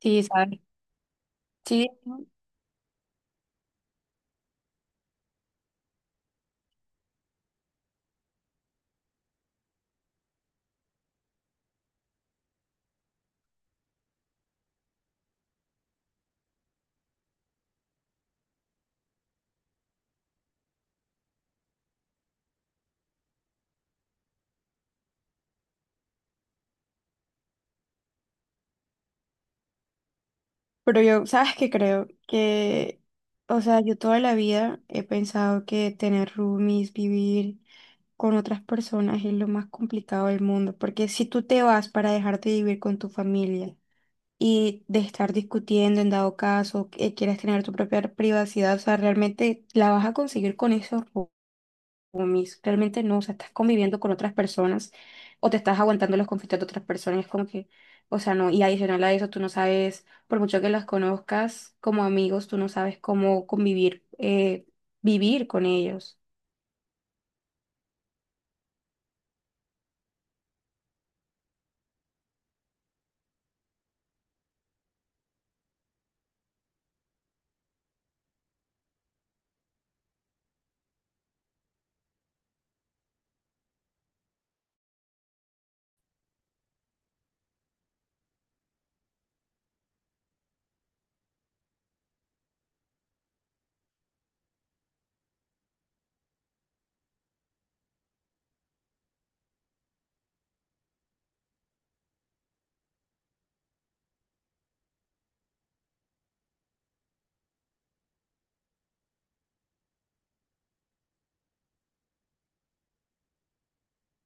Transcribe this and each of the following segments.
Sí, ¿sabes? Sí, ¿no? Pero yo, ¿sabes qué creo? Que, yo toda la vida he pensado que tener roomies, vivir con otras personas es lo más complicado del mundo, porque si tú te vas para dejar de vivir con tu familia y de estar discutiendo en dado caso, que quieres tener tu propia privacidad, o sea, realmente la vas a conseguir con esos mis, realmente no. O sea, estás conviviendo con otras personas o te estás aguantando los conflictos de otras personas. Es como que, o sea, no. Y adicional a eso, tú no sabes, por mucho que las conozcas como amigos, tú no sabes cómo convivir, vivir con ellos.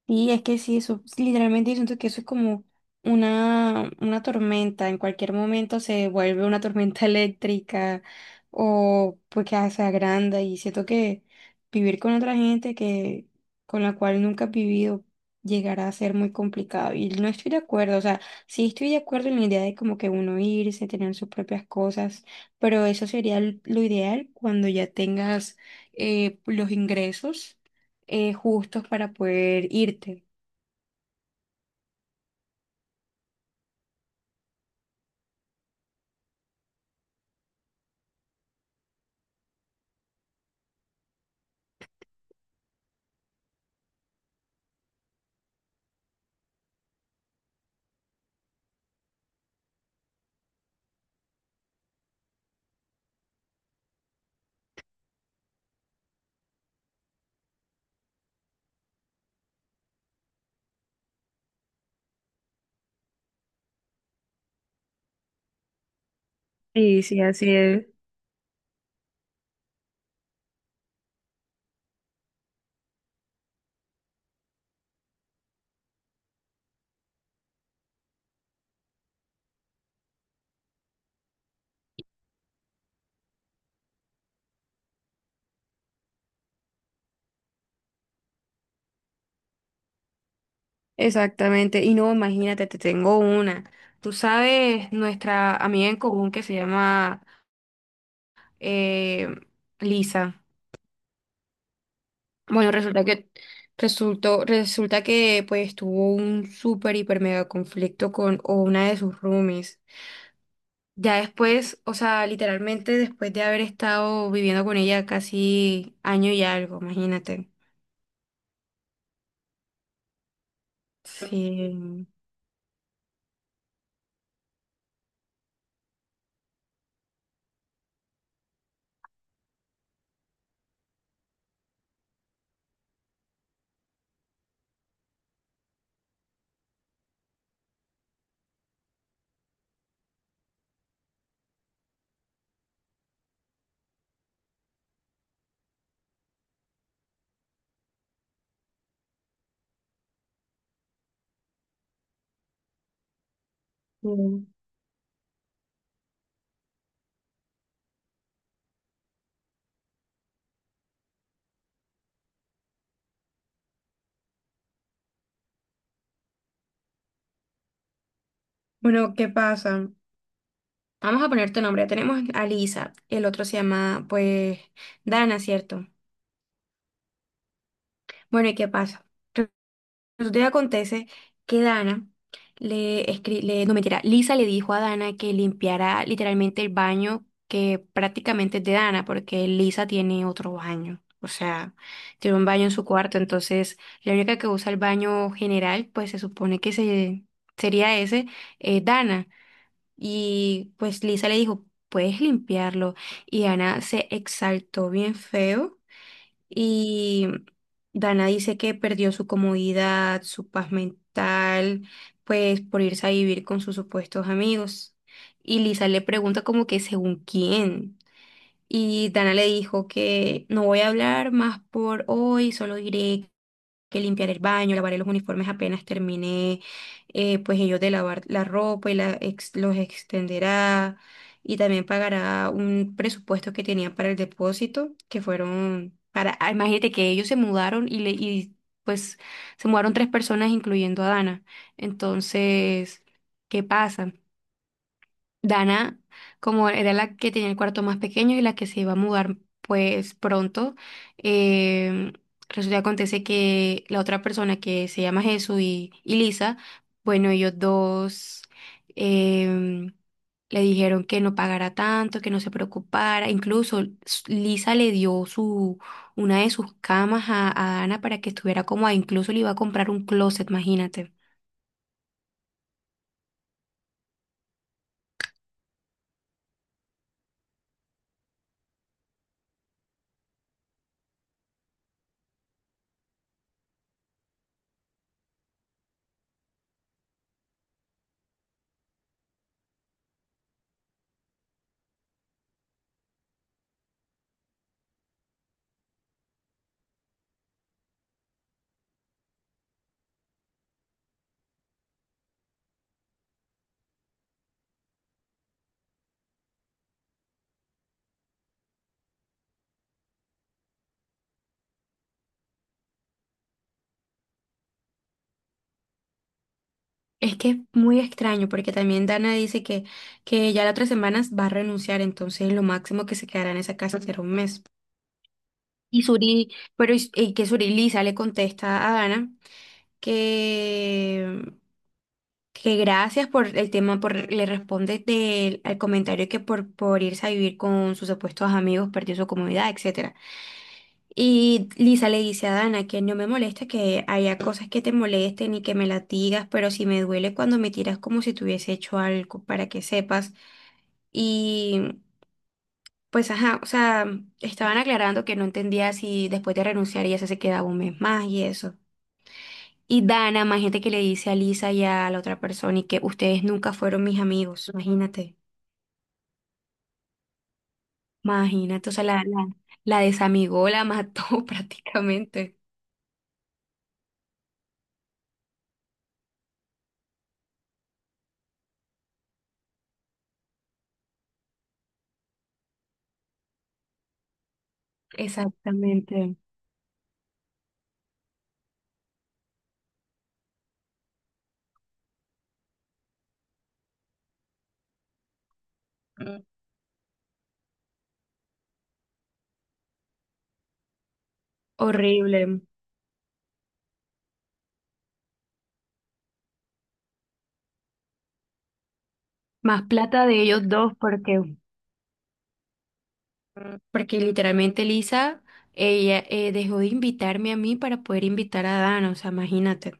Y es que sí, eso, literalmente yo siento que eso es como una tormenta, en cualquier momento se vuelve una tormenta eléctrica o pues que se agranda. Y siento que vivir con otra gente que, con la cual nunca has vivido, llegará a ser muy complicado, y no estoy de acuerdo. O sea, sí estoy de acuerdo en la idea de como que uno irse, tener sus propias cosas, pero eso sería lo ideal cuando ya tengas los ingresos justos para poder irte. Sí, sí, así es. Exactamente. Y no, imagínate, te tengo una. Tú sabes, nuestra amiga en común que se llama eh, Lisa. Bueno, resulta que resulta que pues tuvo un súper hiper mega conflicto con o una de sus roomies. Ya después, o sea, literalmente después de haber estado viviendo con ella casi año y algo, imagínate. Sí. Mm. Bueno, ¿qué pasa? Vamos a poner tu nombre. Ya tenemos a Lisa. El otro se llama, pues, Dana, ¿cierto? Bueno, ¿y qué pasa? Resulta y acontece que Dana no mentira, Lisa le dijo a Dana que limpiara literalmente el baño, que prácticamente es de Dana, porque Lisa tiene otro baño. O sea, tiene un baño en su cuarto, entonces la única que usa el baño general, pues se supone que se, sería ese, Dana. Y pues Lisa le dijo, puedes limpiarlo. Y Ana se exaltó bien feo. Y Dana dice que perdió su comodidad, su paz mental, pues por irse a vivir con sus supuestos amigos. Y Lisa le pregunta como que según quién. Y Dana le dijo que no voy a hablar más por hoy, solo diré que limpiar el baño, lavaré los uniformes apenas terminé, pues ellos de lavar la ropa y los extenderá, y también pagará un presupuesto que tenían para el depósito, que fueron para, ah, imagínate que ellos se mudaron y, le, y pues se mudaron tres personas incluyendo a Dana. Entonces, ¿qué pasa? Dana, como era la que tenía el cuarto más pequeño y la que se iba a mudar pues pronto, eh, resulta que acontece que la otra persona que se llama Jesús y Lisa, bueno, ellos dos em, le dijeron que no pagara tanto, que no se preocupara, incluso Lisa le dio su, una de sus camas a Dana para que estuviera cómoda, incluso le iba a comprar un closet, imagínate. Es que es muy extraño porque también Dana dice que ya las otras semanas va a renunciar, entonces lo máximo que se quedará en esa casa será un mes. Y Suri, pero que Suri Lisa le contesta a Dana que, que gracias por el tema, por, le responde del, al comentario que por irse a vivir con sus supuestos amigos perdió su comodidad, etcétera. Y Lisa le dice a Dana que no me molesta que haya cosas que te molesten y que me latigas, pero si me duele cuando me tiras como si te hubiese hecho algo, para que sepas. Y pues ajá, o sea, estaban aclarando que no entendía si después de renunciar ella se quedaba un mes más y eso. Y Dana, más gente que le dice a Lisa y a la otra persona y que ustedes nunca fueron mis amigos, imagínate, imagínate, o sea, la desamigó, la mató prácticamente. Exactamente. Mm. Horrible. Más plata de ellos dos porque, porque literalmente Lisa, ella dejó de invitarme a mí para poder invitar a Dana, o sea, imagínate,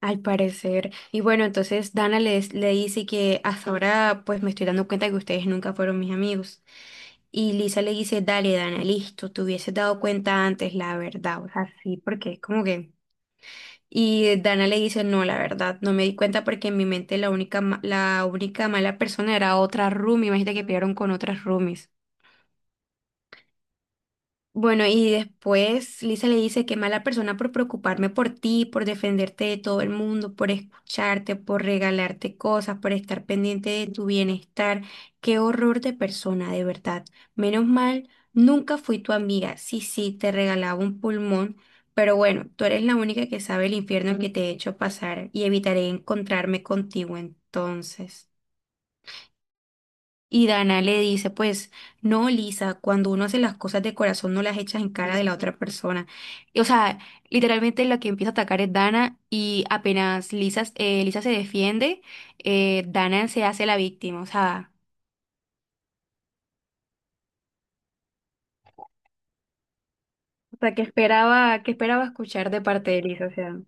al parecer. Y bueno, entonces Dana les, le dice que hasta ahora pues me estoy dando cuenta que ustedes nunca fueron mis amigos. Y Lisa le dice, dale, Dana, listo, te hubieses dado cuenta antes, la verdad, o sea, sí, porque es como que... Y Dana le dice, no, la verdad, no me di cuenta porque en mi mente la única, la única mala persona era otra roomie. Imagínate que pelearon con otras roomies. Bueno, y después Lisa le dice, qué mala persona por preocuparme por ti, por defenderte de todo el mundo, por escucharte, por regalarte cosas, por estar pendiente de tu bienestar. Qué horror de persona, de verdad. Menos mal, nunca fui tu amiga. Sí, sí, te regalaba un pulmón, pero bueno, tú eres la única que sabe el infierno que te he hecho pasar y evitaré encontrarme contigo entonces. Y Dana le dice, pues, no, Lisa, cuando uno hace las cosas de corazón no las echas en cara de la otra persona. Y, o sea, literalmente la que empieza a atacar es Dana y apenas Lisa, Lisa se defiende, Dana se hace la víctima. O sea, ¿que esperaba, que esperaba escuchar de parte de Lisa? O sea,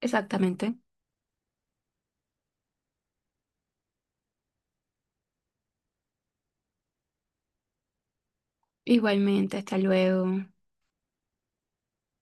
exactamente. Igualmente, hasta luego.